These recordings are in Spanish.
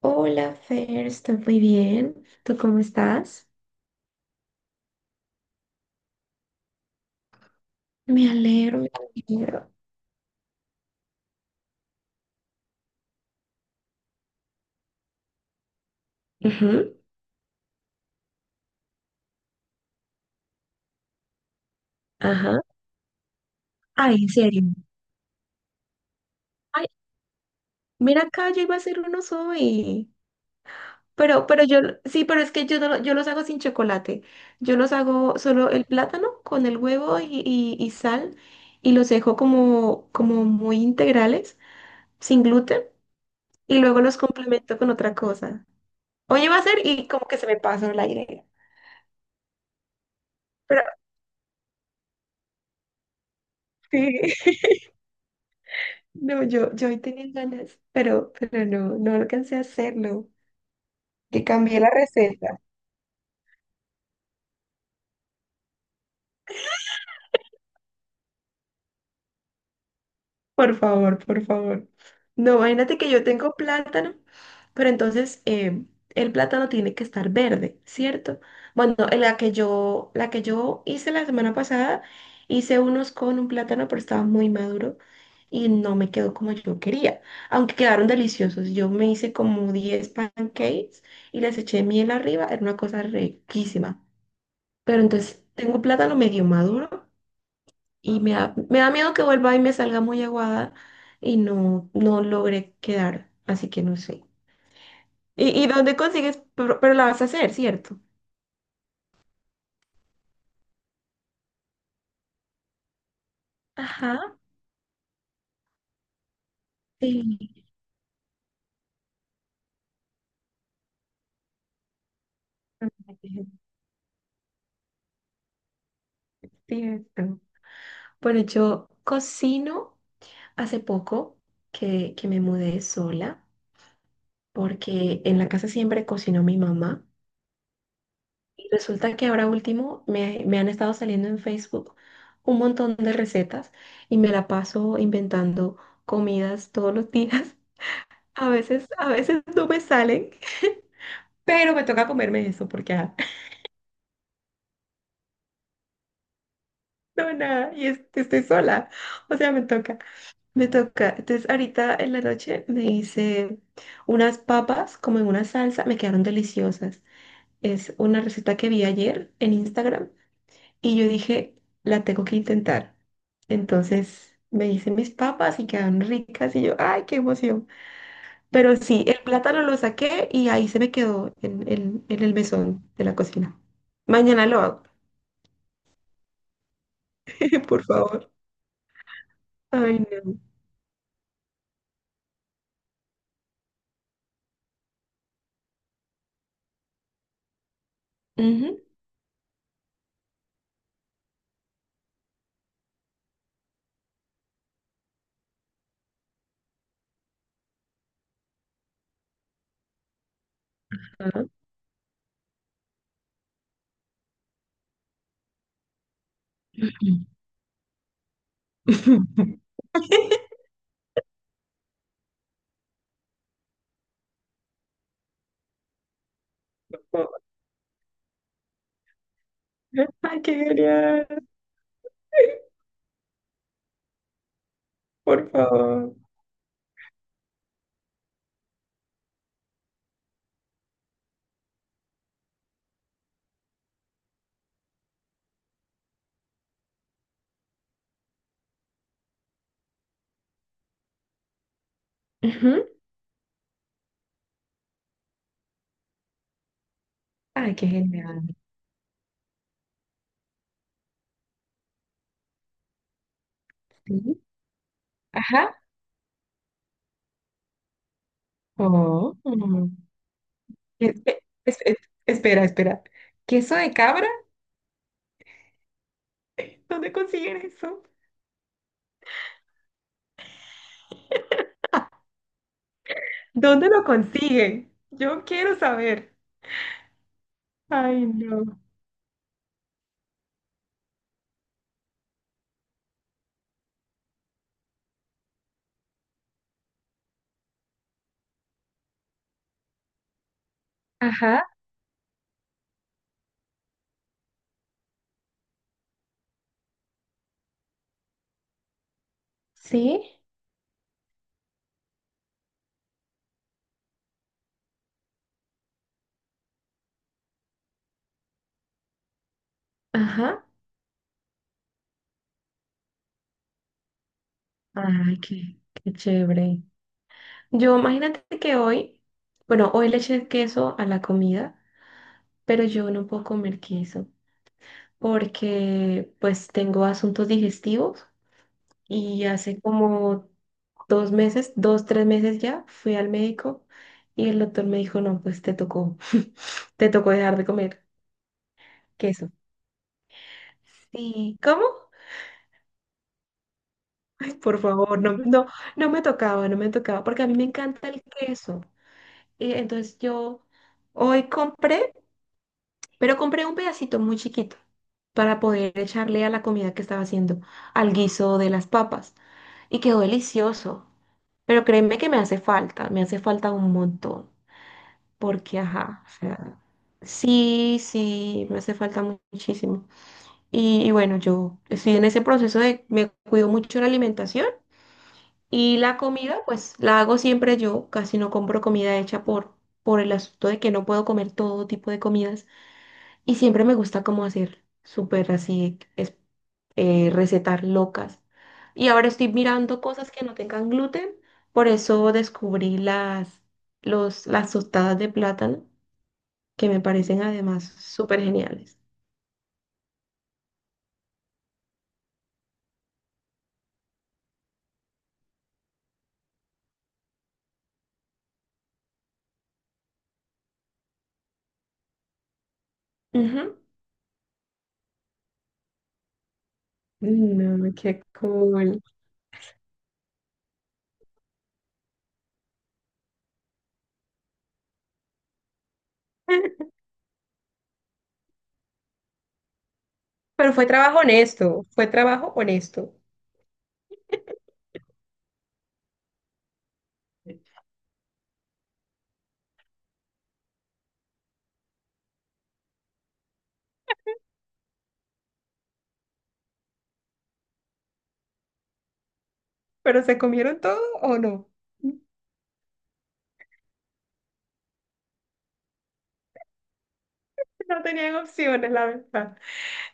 Hola, Fer, estoy muy bien. ¿Tú cómo estás? Me alegro, me alegro. Ujú, ajá. Ay, en serio. Ay, mira acá, yo iba a hacer unos hoy. Pero yo, sí, pero es que yo, no, yo los hago sin chocolate. Yo los hago solo el plátano con el huevo y sal y los dejo como muy integrales, sin gluten, y luego los complemento con otra cosa. Hoy iba a hacer y como que se me pasó la idea. Pero sí. No, yo hoy tenía ganas, pero no alcancé a hacerlo. Que cambié la receta. Por favor, por favor. No, imagínate que yo tengo plátano, pero entonces el plátano tiene que estar verde, ¿cierto? Bueno, en la que yo hice la semana pasada, hice unos con un plátano, pero estaba muy maduro y no me quedó como yo quería, aunque quedaron deliciosos. Yo me hice como 10 pancakes y les eché miel arriba, era una cosa riquísima. Pero entonces tengo plátano medio maduro y me da miedo que vuelva y me salga muy aguada y no logre quedar. Así que no sé. ¿Y dónde consigues? Pero la vas a hacer, ¿cierto? Ajá. Sí, es cierto. Bueno, yo cocino hace poco que me mudé sola porque en la casa siempre cocinó mi mamá. Y resulta que ahora último me han estado saliendo en Facebook un montón de recetas y me la paso inventando comidas todos los días. A veces no me salen, pero me toca comerme eso porque no nada y estoy sola. O sea, me toca, me toca. Entonces ahorita en la noche me hice unas papas como en una salsa, me quedaron deliciosas. Es una receta que vi ayer en Instagram. Y yo dije, la tengo que intentar. Entonces me hice mis papas y quedaron ricas y yo, ay, qué emoción. Pero sí, el plátano lo saqué y ahí se me quedó en el mesón de la cocina. Mañana lo hago, por favor. Ay, no. Ujú. Ajá. Ay, qué genial, por favor. Ujú. Ay, qué genial. Sí. Ajá. Oh. Espe- es, es- Espera, espera. ¿Queso de cabra? ¿Dónde consiguen eso? ¿Dónde lo consiguen? Yo quiero saber. Ay, no. Ajá, sí, ajá. Ay, qué chévere. Yo imagínate que hoy, bueno, hoy le eché queso a la comida, pero yo no puedo comer queso porque pues tengo asuntos digestivos. Y hace como 2 meses, 2, 3 meses ya, fui al médico y el doctor me dijo, no, pues te tocó dejar de comer queso. Sí, ¿cómo? Ay, por favor, no, no, no me tocaba, no me tocaba, porque a mí me encanta el queso. Y entonces yo hoy compré, pero compré un pedacito muy chiquito para poder echarle a la comida que estaba haciendo, al guiso de las papas. Y quedó delicioso. Pero créeme que me hace falta un montón. Porque, ajá, o sea, sí, sí, me hace falta muchísimo. Y bueno, yo estoy en ese proceso de, me cuido mucho la alimentación y la comida, pues la hago siempre yo, casi no compro comida hecha por el asunto de que no puedo comer todo tipo de comidas y siempre me gusta como hacer súper así, recetar locas. Y ahora estoy mirando cosas que no tengan gluten, por eso descubrí las tostadas de plátano que me parecen además súper geniales. Ujú. No, qué cool. Pero fue trabajo honesto, fue trabajo honesto. ¿Pero se comieron todo o no? No tenían opciones, la verdad.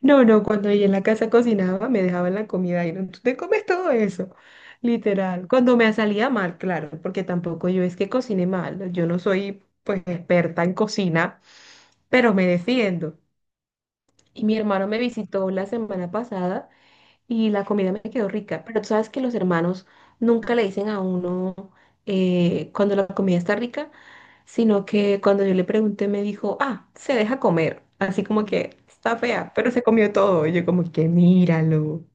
No, no, cuando ella en la casa cocinaba me dejaban la comida y no, tú te comes todo eso, literal. Cuando me salía mal, claro, porque tampoco yo es que cocine mal, yo no soy pues experta en cocina, pero me defiendo. Y mi hermano me visitó la semana pasada y la comida me quedó rica. Pero tú sabes que los hermanos nunca le dicen a uno cuando la comida está rica, sino que cuando yo le pregunté me dijo, ah, se deja comer. Así como que está fea, pero se comió todo. Y yo como que míralo.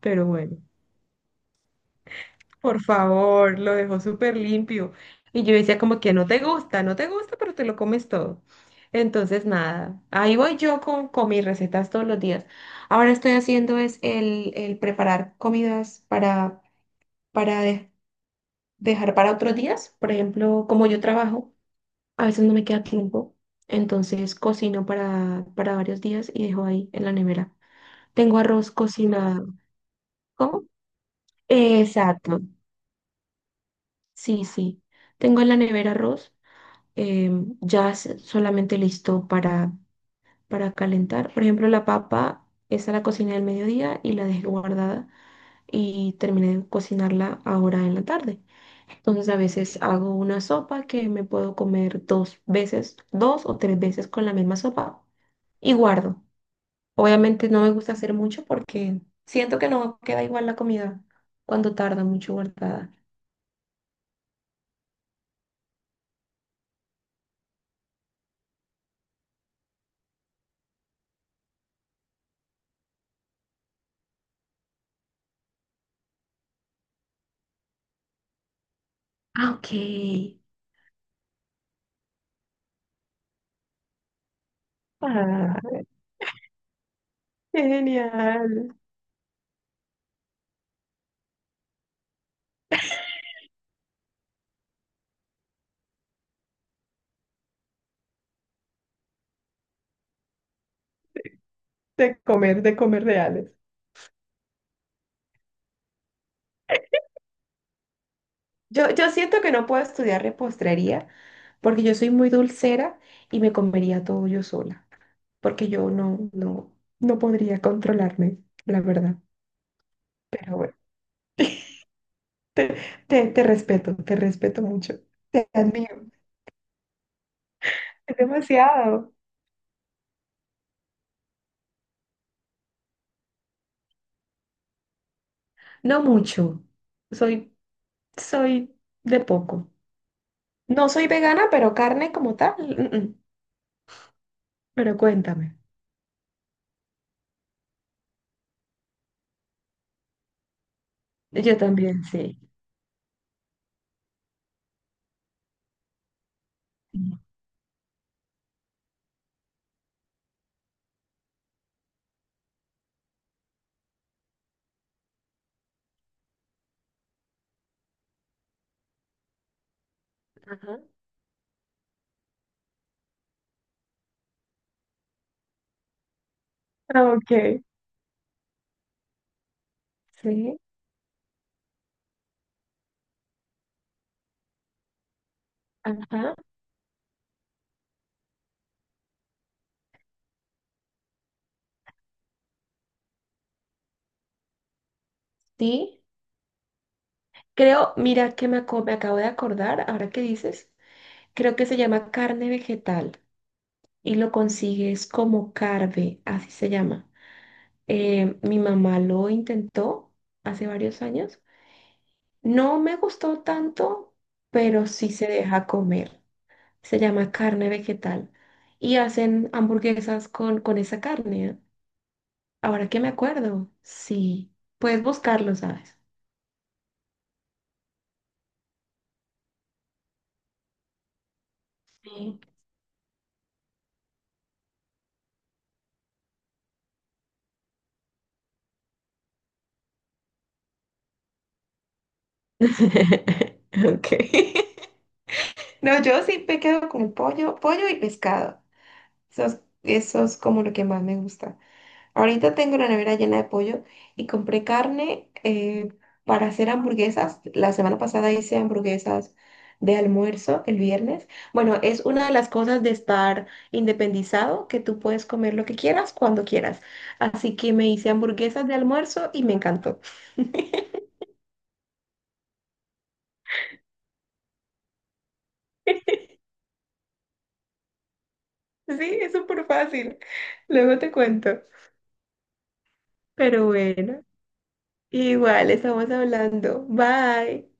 Pero bueno. Por favor, lo dejó súper limpio. Y yo decía como que no te gusta, no te gusta, pero te lo comes todo. Entonces, nada, ahí voy yo con mis recetas todos los días. Ahora estoy haciendo es el preparar comidas para dejar para otros días. Por ejemplo, como yo trabajo, a veces no me queda tiempo. Entonces, cocino para varios días y dejo ahí en la nevera. Tengo arroz cocinado. ¿Cómo? Exacto. Sí, sí. Tengo en la nevera arroz. Ya es solamente listo para calentar. Por ejemplo, la papa, esa la cociné al mediodía y la dejé guardada y terminé de cocinarla ahora en la tarde. Entonces a veces hago una sopa que me puedo comer 2 veces, 2 o 3 veces con la misma sopa y guardo. Obviamente no me gusta hacer mucho porque siento que no queda igual la comida cuando tarda mucho guardada. Ah, ok. Ah, qué genial. De comer reales. Yo siento que no puedo estudiar repostería porque yo soy muy dulcera y me comería todo yo sola, porque yo no podría controlarme, la verdad. Pero bueno, te respeto, te respeto mucho, te admiro, es demasiado. No mucho, soy, soy de poco. No soy vegana, pero carne como tal, mm, mm. Pero cuéntame. Yo también, sí. Sí. Ajá. Ah, ok. Sí, ajá, sí. Creo, mira que me acabo de acordar, ahora que dices, creo que se llama carne vegetal y lo consigues como carve, así se llama. Mi mamá lo intentó hace varios años. No me gustó tanto, pero sí se deja comer. Se llama carne vegetal y hacen hamburguesas con esa carne. ¿Eh? Ahora que me acuerdo, sí, puedes buscarlo, ¿sabes? Sí. Ok. No, yo sí me quedo con el pollo, pollo y pescado. Eso es como lo que más me gusta. Ahorita tengo la nevera llena de pollo y compré carne para hacer hamburguesas. La semana pasada hice hamburguesas de almuerzo el viernes. Bueno, es una de las cosas de estar independizado, que tú puedes comer lo que quieras cuando quieras. Así que me hice hamburguesas de almuerzo y me encantó. Sí, es súper fácil. Luego te cuento. Pero bueno. Igual, estamos hablando. Bye.